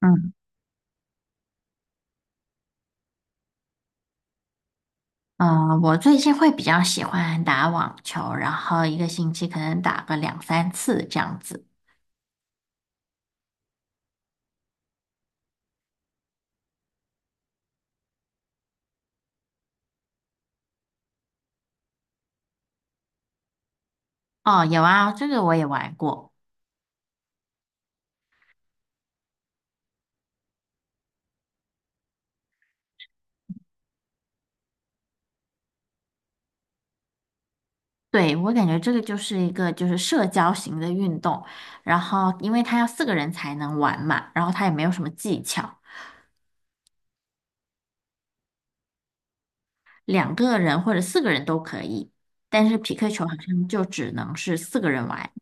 嗯，我最近会比较喜欢打网球，然后一个星期可能打个两三次这样子。哦，有啊，这个我也玩过。对，我感觉这个就是一个就是社交型的运动，然后因为它要四个人才能玩嘛，然后它也没有什么技巧。两个人或者四个人都可以，但是匹克球好像就只能是四个人玩。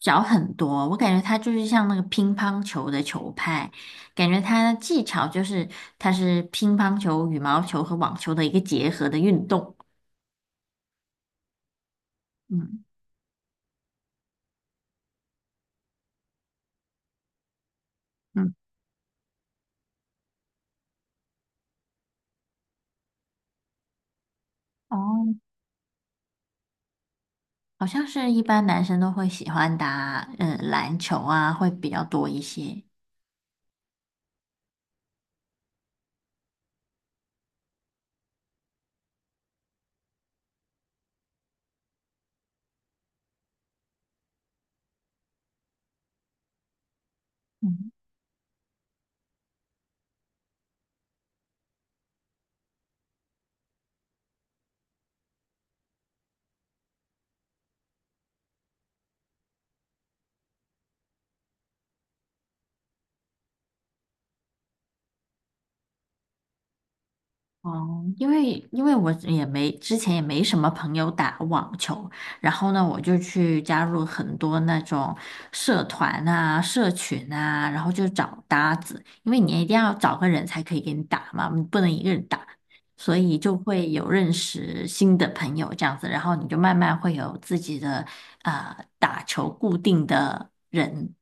小很多，我感觉它就是像那个乒乓球的球拍，感觉它的技巧就是它是乒乓球、羽毛球和网球的一个结合的运动。嗯嗯。哦，好像是一般男生都会喜欢打篮球啊，会比较多一些。嗯。哦，因为因为我也没之前也没什么朋友打网球，然后呢，我就去加入很多那种社团啊、社群啊，然后就找搭子，因为你一定要找个人才可以给你打嘛，你不能一个人打，所以就会有认识新的朋友这样子，然后你就慢慢会有自己的啊、打球固定的人。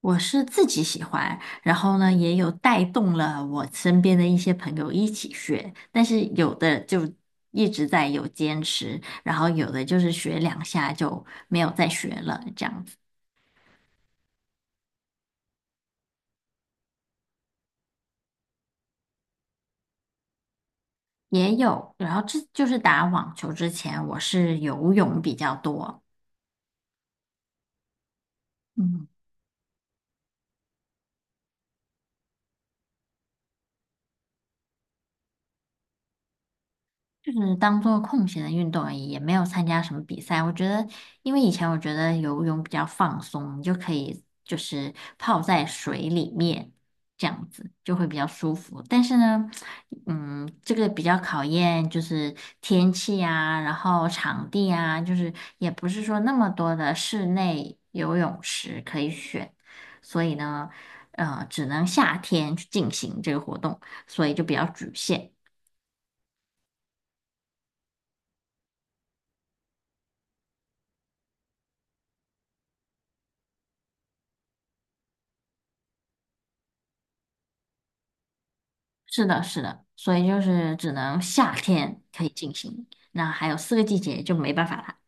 我是自己喜欢，然后呢，也有带动了我身边的一些朋友一起学，但是有的就一直在有坚持，然后有的就是学两下就没有再学了，这样子也有。然后这就是打网球之前，我是游泳比较多。嗯。就是当做空闲的运动而已，也没有参加什么比赛。我觉得，因为以前我觉得游泳比较放松，你就可以就是泡在水里面，这样子就会比较舒服。但是呢，这个比较考验就是天气啊，然后场地啊，就是也不是说那么多的室内游泳池可以选，所以呢，只能夏天去进行这个活动，所以就比较局限。是的，是的，所以就是只能夏天可以进行，那还有四个季节就没办法了。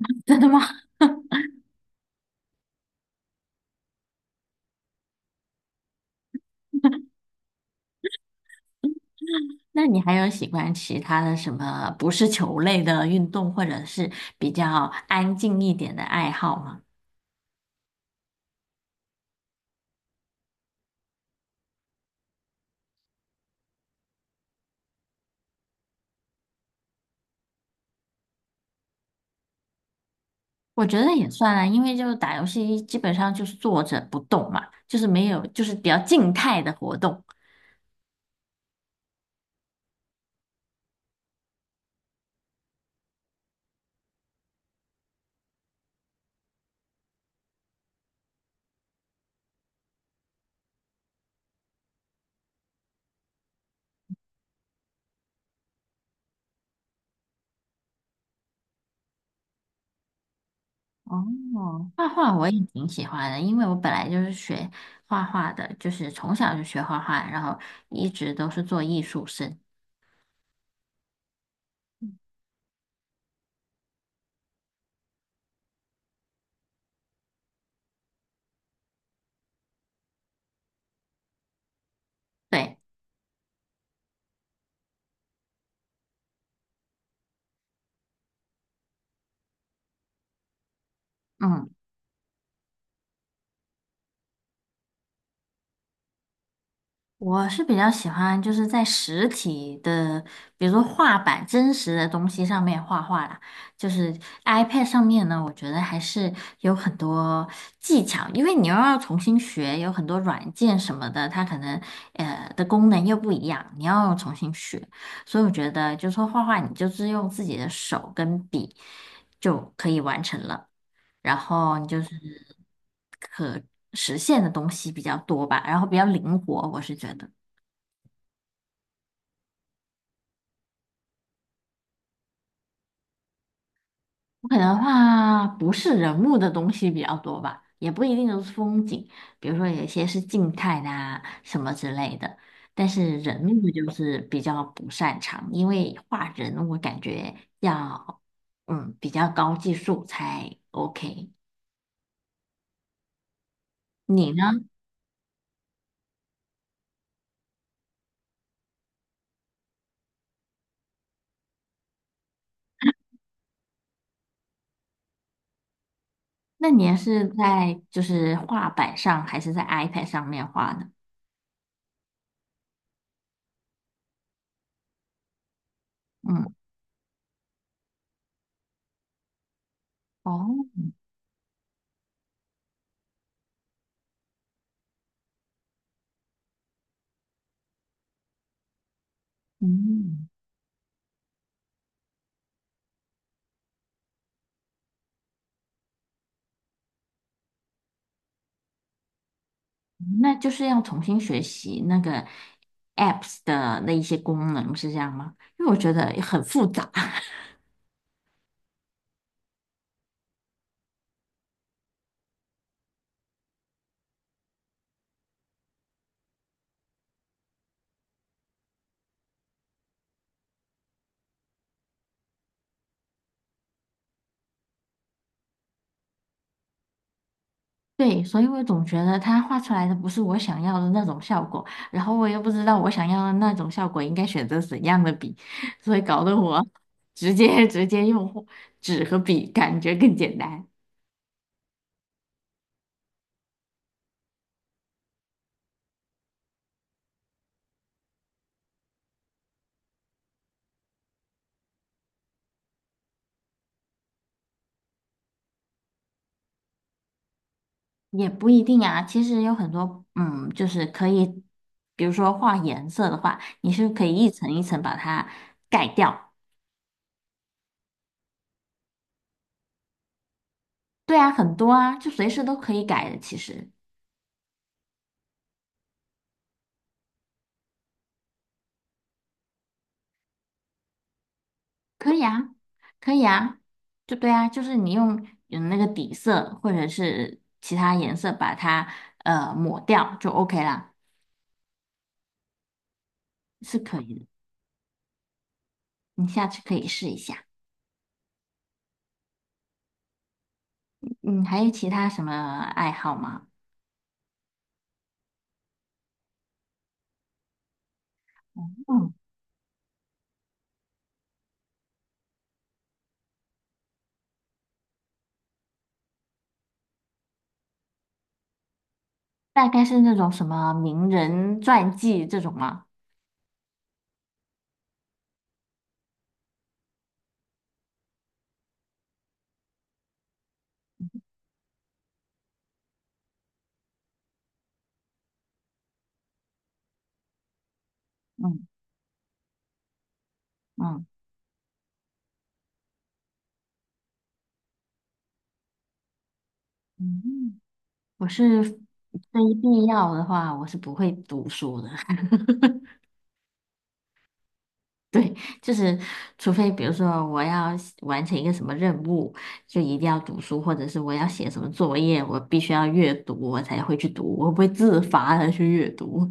真的吗？那你还有喜欢其他的什么不是球类的运动，或者是比较安静一点的爱好吗？我觉得也算啊，因为就打游戏基本上就是坐着不动嘛，就是没有，就是比较静态的活动。哦，画画我也挺喜欢的，因为我本来就是学画画的，就是从小就学画画，然后一直都是做艺术生。对。嗯，我是比较喜欢就是在实体的，比如说画板、真实的东西上面画画啦。就是 iPad 上面呢，我觉得还是有很多技巧，因为你又要重新学，有很多软件什么的，它可能的功能又不一样，你要重新学。所以我觉得，就是说画画，你就是用自己的手跟笔就可以完成了。然后你就是可实现的东西比较多吧，然后比较灵活，我是觉得。我可能画不是人物的东西比较多吧，也不一定都是风景，比如说有一些是静态的啊什么之类的，但是人物就是比较不擅长，因为画人我感觉要比较高技术才 OK。你呢？那你是在就是画板上还是在 iPad 上面画呢？嗯。哦。嗯，那就是要重新学习那个 apps 的那一些功能，是这样吗？因为我觉得很复杂，对，所以我总觉得它画出来的不是我想要的那种效果，然后我又不知道我想要的那种效果应该选择怎样的笔，所以搞得我 直接用纸和笔，感觉更简单。也不一定啊，其实有很多，嗯，就是可以，比如说画颜色的话，你是可以一层一层把它盖掉。对啊，很多啊，就随时都可以改的，其实可以啊，可以啊，就对啊，就是你用那个底色或者是其他颜色把它抹掉就 OK 啦，是可以的，你下次可以试一下。嗯，还有其他什么爱好吗？嗯，大概是那种什么名人传记这种吗？嗯嗯嗯，我是非必要的话，我是不会读书的。就是，除非比如说我要写完成一个什么任务，就一定要读书，或者是我要写什么作业，我必须要阅读，我才会去读，我不会自发的去阅读，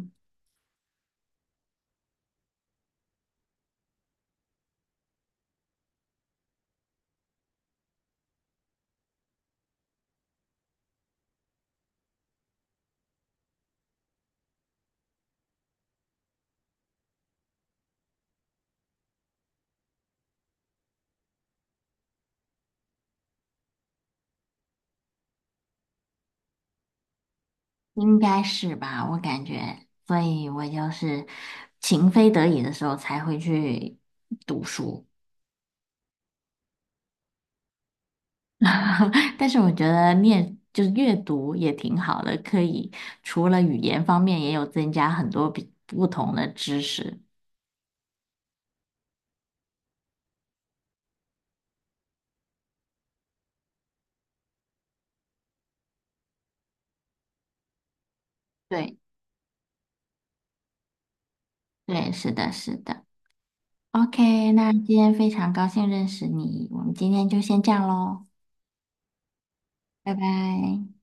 应该是吧？我感觉，所以我就是情非得已的时候才会去读书。但是我觉得念就是阅读也挺好的，可以除了语言方面，也有增加很多比不同的知识。对，对，是的，是的。OK，那今天非常高兴认识你，我们今天就先这样喽，拜拜。